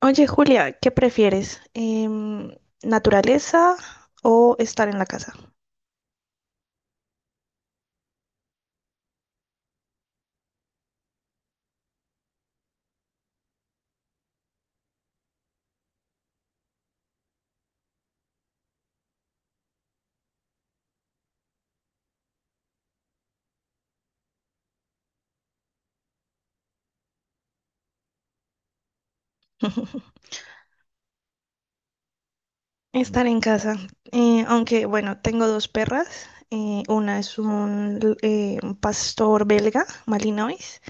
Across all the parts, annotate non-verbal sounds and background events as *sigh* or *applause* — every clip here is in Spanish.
Oye, Julia, ¿qué prefieres? ¿Naturaleza o estar en la casa? *laughs* Estar en casa. Aunque, bueno, tengo dos perras. Una es un pastor belga, Malinois,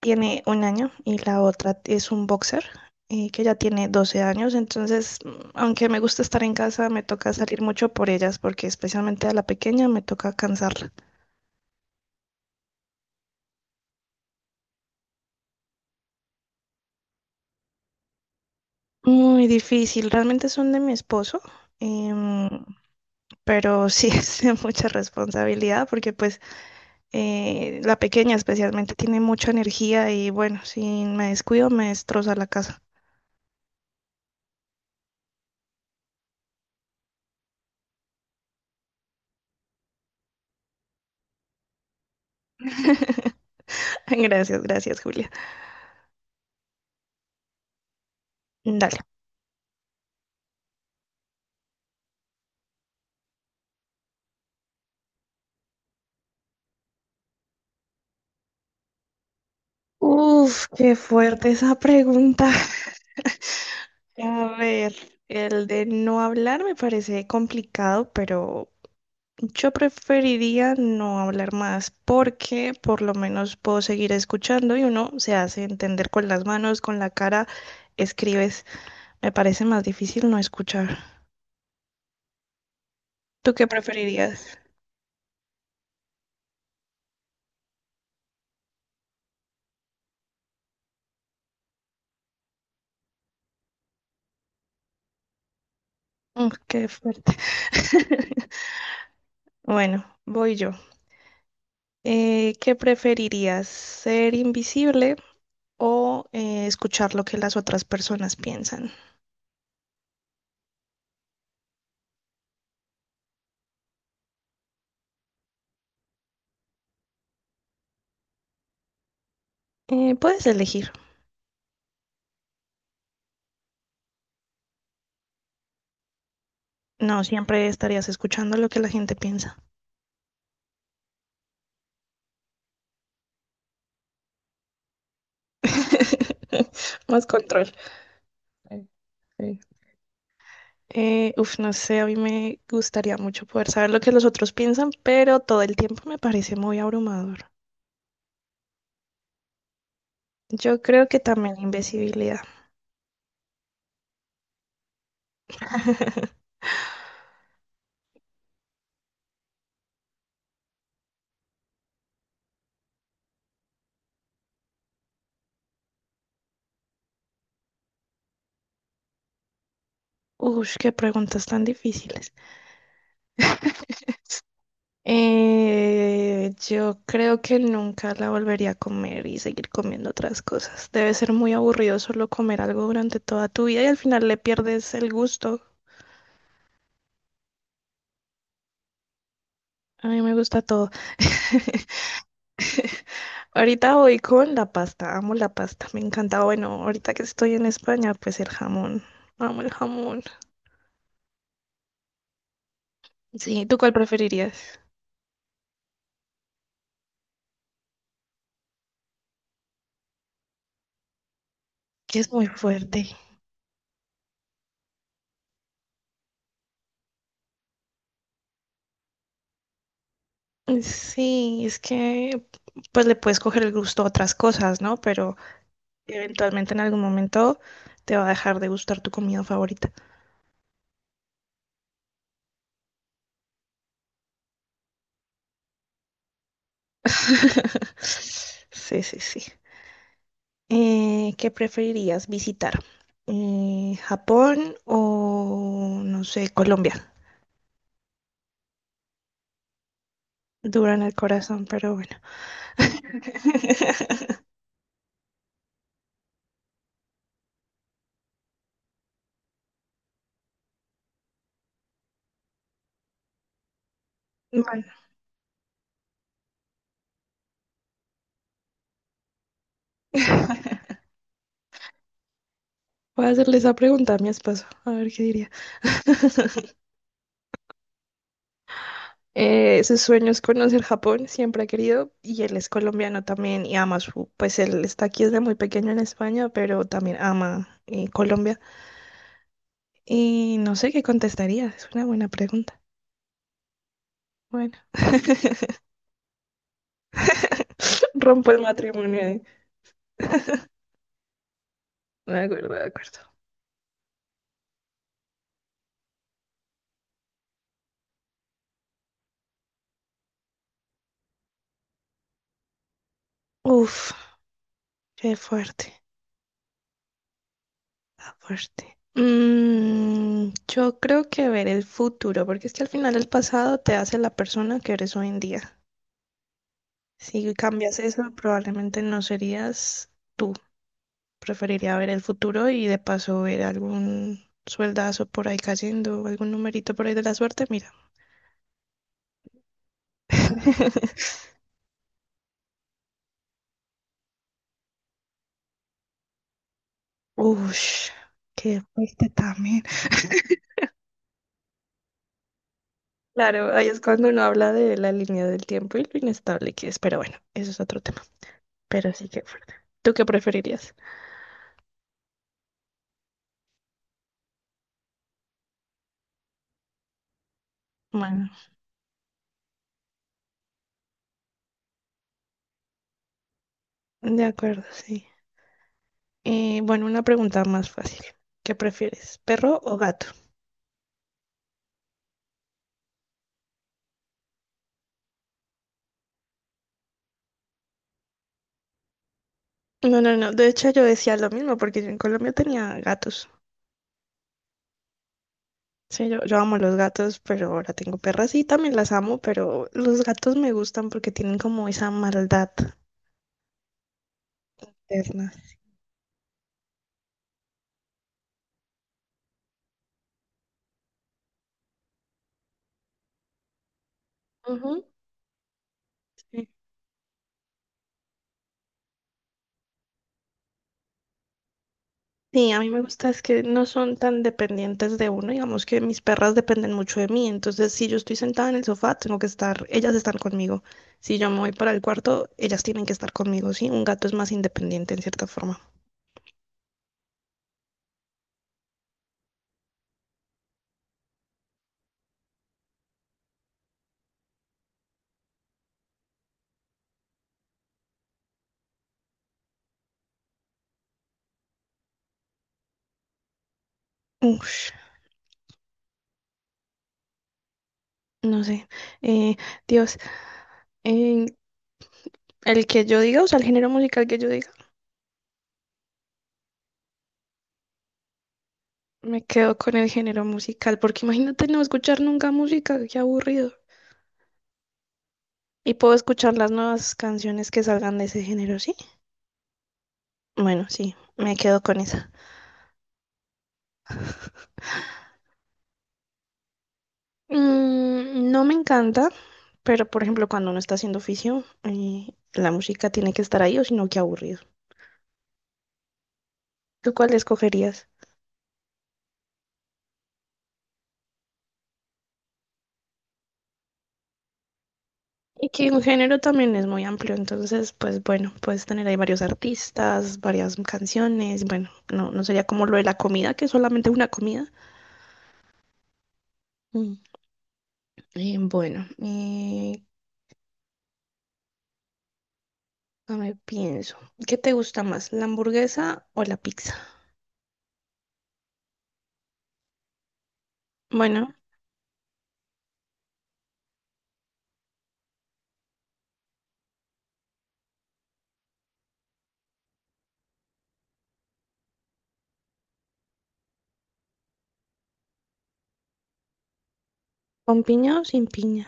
tiene 1 año, y la otra es un boxer, que ya tiene 12 años. Entonces, aunque me gusta estar en casa, me toca salir mucho por ellas, porque especialmente a la pequeña me toca cansarla. Muy difícil, realmente son de mi esposo. Em, pero sí *laughs* es de mucha responsabilidad porque pues la pequeña especialmente tiene mucha energía y bueno, si me descuido me destroza la casa. *laughs* Gracias, gracias, Julia. Dale. Uf, qué fuerte esa pregunta. *laughs* A ver, el de no hablar me parece complicado, pero yo preferiría no hablar más porque por lo menos puedo seguir escuchando y uno se hace entender con las manos, con la cara, escribes. Me parece más difícil no escuchar. ¿Tú qué preferirías? Mm, qué fuerte. *laughs* Bueno, voy yo. ¿Qué preferirías? ¿Ser invisible o escuchar lo que las otras personas piensan? Puedes elegir. No, siempre estarías escuchando lo que la gente piensa. *laughs* Más control. Ok, ok. Uf, no sé, a mí me gustaría mucho poder saber lo que los otros piensan, pero todo el tiempo me parece muy abrumador. Yo creo que también invisibilidad. *laughs* Ush, qué preguntas tan difíciles. Yo creo que nunca la volvería a comer y seguir comiendo otras cosas. Debe ser muy aburrido solo comer algo durante toda tu vida y al final le pierdes el gusto. A mí me gusta todo. *laughs* Ahorita voy con la pasta. Amo la pasta. Me encanta. Bueno, ahorita que estoy en España, pues el jamón. Amo el jamón. Sí, ¿tú cuál preferirías? Que es muy fuerte. Sí, es que pues le puedes coger el gusto a otras cosas, ¿no? Pero eventualmente en algún momento te va a dejar de gustar tu comida favorita. *laughs* Sí, sí, sí. ¿Qué preferirías visitar? ¿Japón o, no sé, Colombia? Dura en el corazón, pero bueno. *laughs* Bueno, *laughs* voy a hacerle esa pregunta a mi esposo, a ver qué diría. *laughs* Su sueño es conocer Japón, siempre ha querido, y él es colombiano también y ama su, pues él está aquí desde muy pequeño en España, pero también ama Colombia. Y no sé qué contestaría, es una buena pregunta. Bueno, *laughs* rompo el matrimonio ahí. De acuerdo, de acuerdo. Uf, qué fuerte, está fuerte. Mm, yo creo que ver el futuro, porque es que al final el pasado te hace la persona que eres hoy en día. Si cambias eso, probablemente no serías tú. Preferiría ver el futuro y de paso ver algún sueldazo por ahí cayendo, algún numerito por ahí de la suerte, mira. *laughs* Ush, qué fuerte también. Claro, ahí es cuando uno habla de la línea del tiempo y lo inestable que es, pero bueno, eso es otro tema. Pero sí, que fuerte. ¿Tú qué preferirías? Bueno, de acuerdo, sí. Bueno, una pregunta más fácil. ¿Qué prefieres, perro o gato? No, no, no. De hecho, yo decía lo mismo porque yo en Colombia tenía gatos. Sí, yo amo los gatos, pero ahora tengo perras y también las amo, pero los gatos me gustan porque tienen como esa maldad eterna. Ujú. Sí. Sí, a mí me gusta es que no son tan dependientes de uno, digamos que mis perras dependen mucho de mí, entonces si yo estoy sentada en el sofá, tengo que estar, ellas están conmigo. Si yo me voy para el cuarto, ellas tienen que estar conmigo, ¿sí? Un gato es más independiente en cierta forma. Ush, no sé. Eh, Dios, eh, el que yo diga, o sea, el género musical que yo diga, me quedo con el género musical, porque imagínate no escuchar nunca música, qué aburrido. Y puedo escuchar las nuevas canciones que salgan de ese género, ¿sí? Bueno, sí, me quedo con esa. Mm, no me encanta, pero por ejemplo, cuando uno está haciendo oficio, la música tiene que estar ahí, o si no, qué aburrido. ¿Tú cuál escogerías? Y que un género también es muy amplio, entonces, pues bueno, puedes tener ahí varios artistas, varias canciones, bueno, no, no sería como lo de la comida, que es solamente una comida. Mm, bueno, a ver, pienso, ¿qué te gusta más, la hamburguesa o la pizza? Bueno, ¿con piña o sin piña?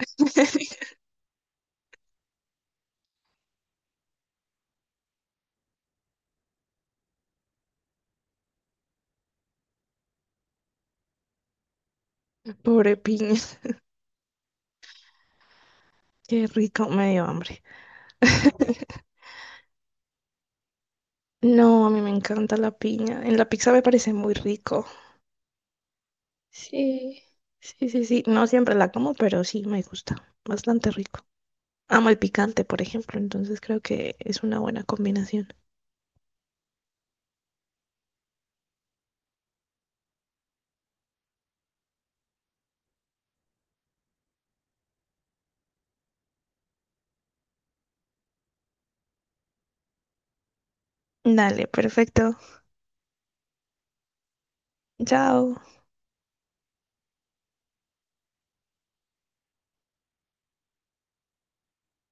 *laughs* Pobre piña, qué rico, me dio hambre. *laughs* No, a mí me encanta la piña, en la pizza me parece muy rico. Sí, sí, sí, sí. No siempre la como, pero sí me gusta. Bastante rico. Amo el picante, por ejemplo, entonces creo que es una buena combinación. Dale, perfecto. Chao.